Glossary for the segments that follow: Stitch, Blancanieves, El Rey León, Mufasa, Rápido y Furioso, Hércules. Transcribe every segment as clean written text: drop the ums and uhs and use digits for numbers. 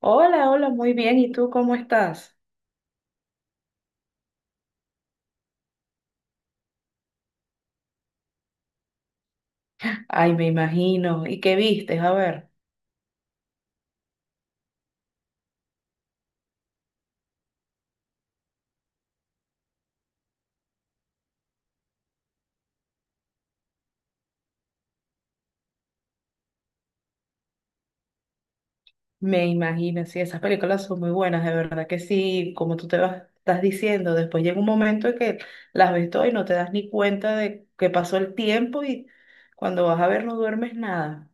Hola, hola, muy bien. ¿Y tú cómo estás? Ay, me imagino. ¿Y qué vistes? A ver, me imagino. Sí, esas películas son muy buenas, de verdad que sí. Como tú te vas, estás diciendo, después llega un momento en que las ves todas y no te das ni cuenta de que pasó el tiempo y cuando vas a ver no duermes nada.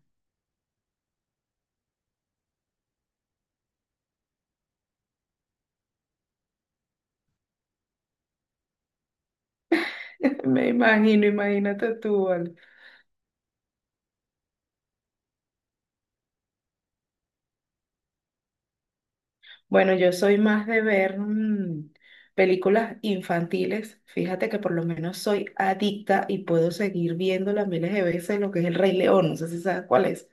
Me imagino, imagínate tú, vale. Bueno, yo soy más de ver películas infantiles. Fíjate que por lo menos soy adicta y puedo seguir viéndola miles de veces, lo que es El Rey León. No sé si sabes cuál es.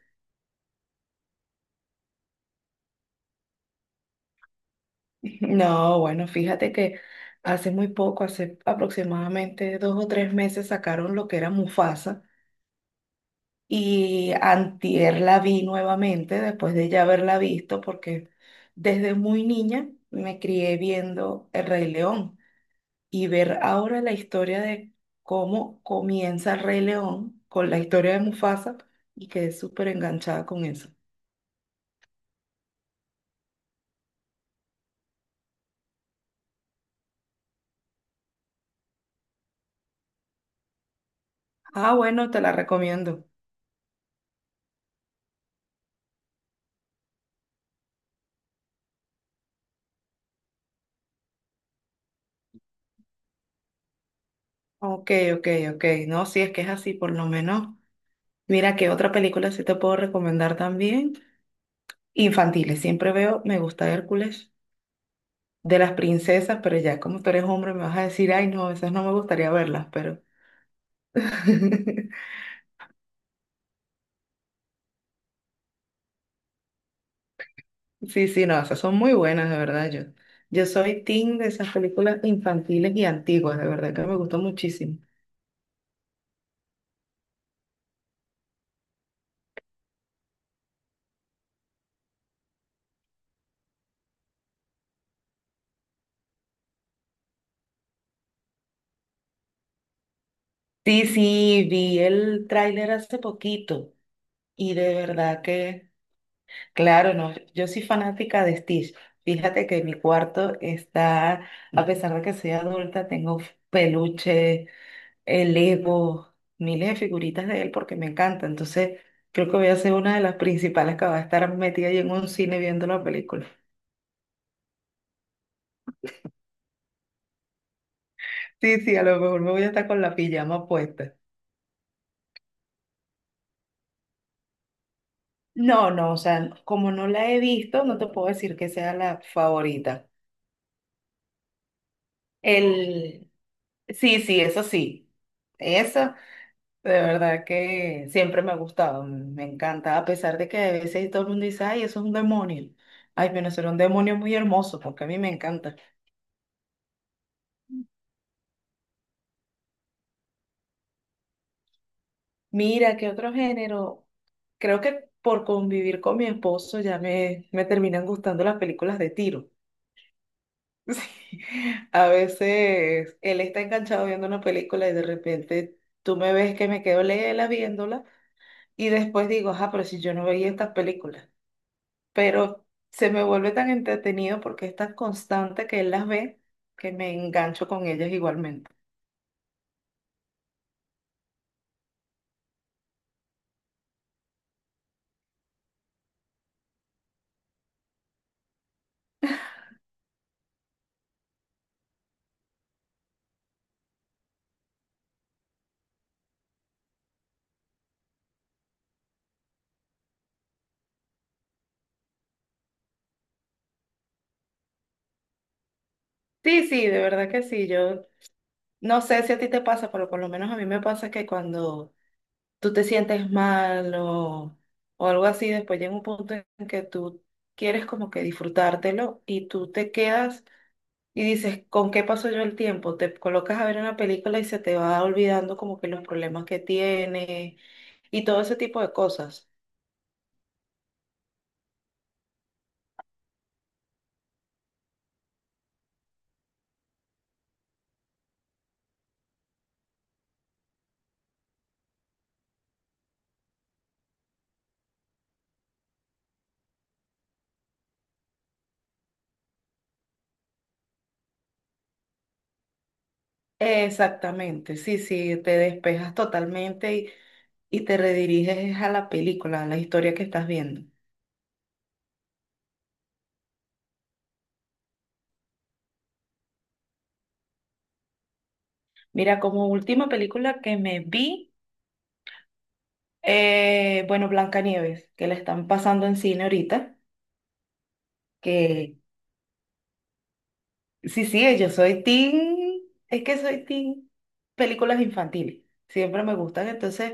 No, bueno, fíjate que hace muy poco, hace aproximadamente dos o tres meses, sacaron lo que era Mufasa y antier la vi nuevamente después de ya haberla visto porque desde muy niña me crié viendo El Rey León. Y ver ahora la historia de cómo comienza el Rey León con la historia de Mufasa y quedé súper enganchada con eso. Ah, bueno, te la recomiendo. Ok, ok, ok. No, si es que es así, por lo menos. Mira, ¿qué otra película sí te puedo recomendar también? Infantiles. Siempre veo, me gusta Hércules, de las princesas, pero ya como tú eres hombre me vas a decir, ay, no, esas no me gustaría verlas, pero... Sí, sí, no, esas son muy buenas, de verdad. Yo soy team de esas películas infantiles y antiguas, de verdad que me gustó muchísimo. Sí, sí, vi el tráiler hace poquito y de verdad que, claro, no, yo soy fanática de Stitch. Fíjate que mi cuarto está, a pesar de que soy adulta, tengo peluche, el Lego, miles de figuritas de él porque me encanta. Entonces, creo que voy a ser una de las principales que va a estar metida ahí en un cine viendo la película. Sí, sí, a lo mejor me voy a estar con la pijama puesta. No, no, o sea, como no la he visto, no te puedo decir que sea la favorita. El, sí, sí, eso sí. Esa, de verdad que siempre me ha gustado, me encanta, a pesar de que a veces todo el mundo dice, ay, eso es un demonio. Ay, pero será un demonio muy hermoso, porque a mí me encanta. Mira, ¿qué otro género? Creo que por convivir con mi esposo ya me terminan gustando las películas de tiro. Sí, a veces él está enganchado viendo una película y de repente tú me ves que me quedo lela viéndola y después digo, ah, pero si yo no veía estas películas. Pero se me vuelve tan entretenido porque es tan constante que él las ve que me engancho con ellas igualmente. Sí, sí, de verdad que sí. Yo no sé si a ti te pasa, pero por lo menos a mí me pasa que cuando tú te sientes mal o algo así, después llega un punto en que tú quieres como que disfrutártelo y tú te quedas y dices, ¿con qué pasó yo el tiempo? Te colocas a ver una película y se te va olvidando como que los problemas que tiene y todo ese tipo de cosas. Exactamente, sí, sí, te despejas totalmente y te rediriges a la película, a la historia que estás viendo. Mira, como última película que me vi, eh, bueno, Blancanieves, que la están pasando en cine ahorita, que sí, sí, yo soy teen, es que soy teen películas infantiles, siempre me gustan, entonces,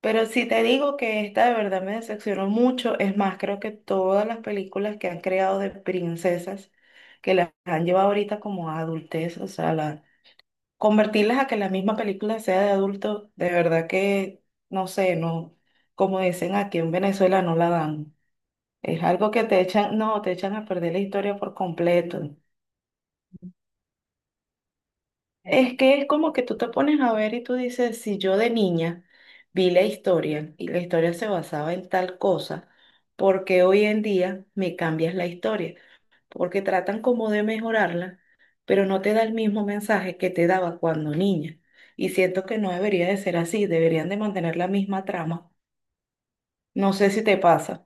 pero si te digo que esta de verdad me decepcionó mucho, es más, creo que todas las películas que han creado de princesas, que las han llevado ahorita como a adultez, o sea, la- convertirlas a que la misma película sea de adulto, de verdad que, no sé, no, como dicen aquí en Venezuela, no la dan. Es algo que te echan, no, te echan a perder la historia por completo. Es que es como que tú te pones a ver y tú dices, si yo de niña vi la historia y la historia se basaba en tal cosa, ¿por qué hoy en día me cambias la historia? Porque tratan como de mejorarla, pero no te da el mismo mensaje que te daba cuando niña. Y siento que no debería de ser así, deberían de mantener la misma trama. No sé si te pasa.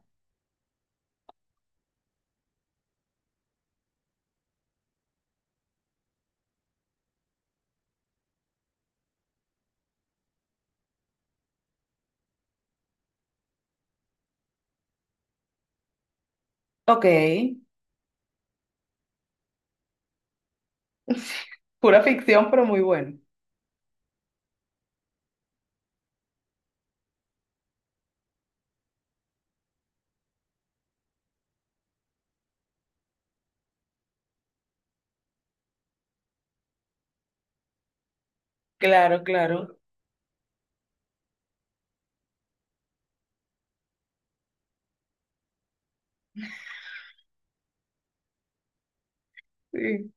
Ok. Pura ficción, pero muy bueno. Claro, claro. Sí.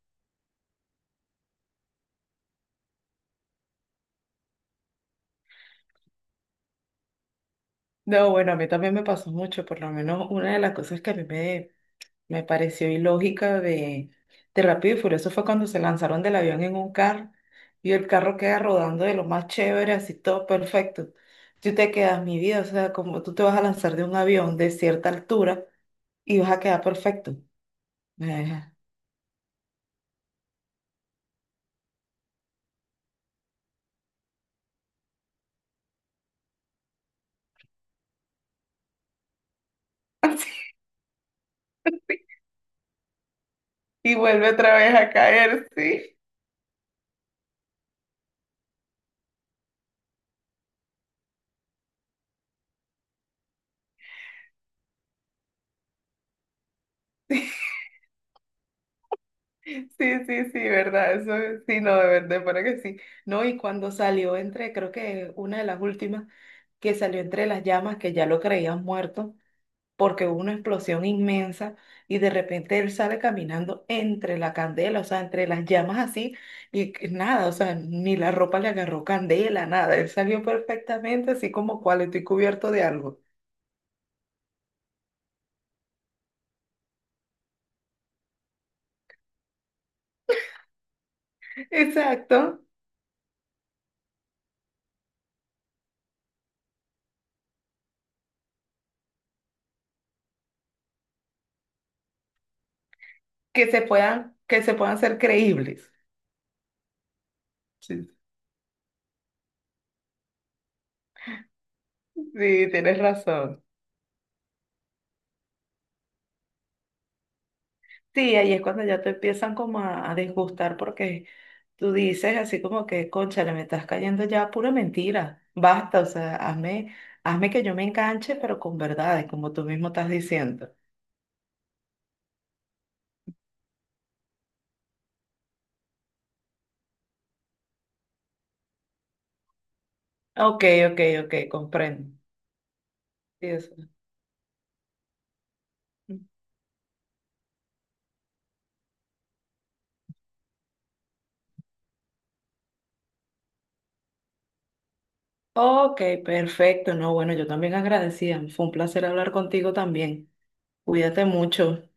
No, bueno, a mí también me pasó mucho, por lo menos una de las cosas que a mí me pareció ilógica de Rápido y Furioso fue cuando se lanzaron del avión en un carro y el carro queda rodando de lo más chévere, así todo perfecto. Tú te quedas, mi vida, o sea, como tú te vas a lanzar de un avión de cierta altura y vas a quedar perfecto. Eh, y vuelve otra vez a caer, sí. Sí, sí, sí, verdad, eso es- sí, no, de verdad, para que sí. No, y cuando salió entre, creo que una de las últimas, que salió entre las llamas, que ya lo creían muerto, porque hubo una explosión inmensa y de repente él sale caminando entre la candela, o sea, entre las llamas así, y que nada, o sea, ni la ropa le agarró candela, nada, él salió perfectamente así como cual estoy cubierto de algo. Exacto, que se puedan ser creíbles. Sí, sí, tienes razón. Sí, ahí es cuando ya te empiezan como a disgustar porque tú dices así como que, cónchale, me estás cayendo ya a pura mentira. Basta, o sea, hazme, hazme que yo me enganche, pero con verdades, como tú mismo estás diciendo. Ok, ok, ok, comprendo. Sí, eso. Ok, perfecto. No, bueno, yo también agradecida. Fue un placer hablar contigo también. Cuídate mucho.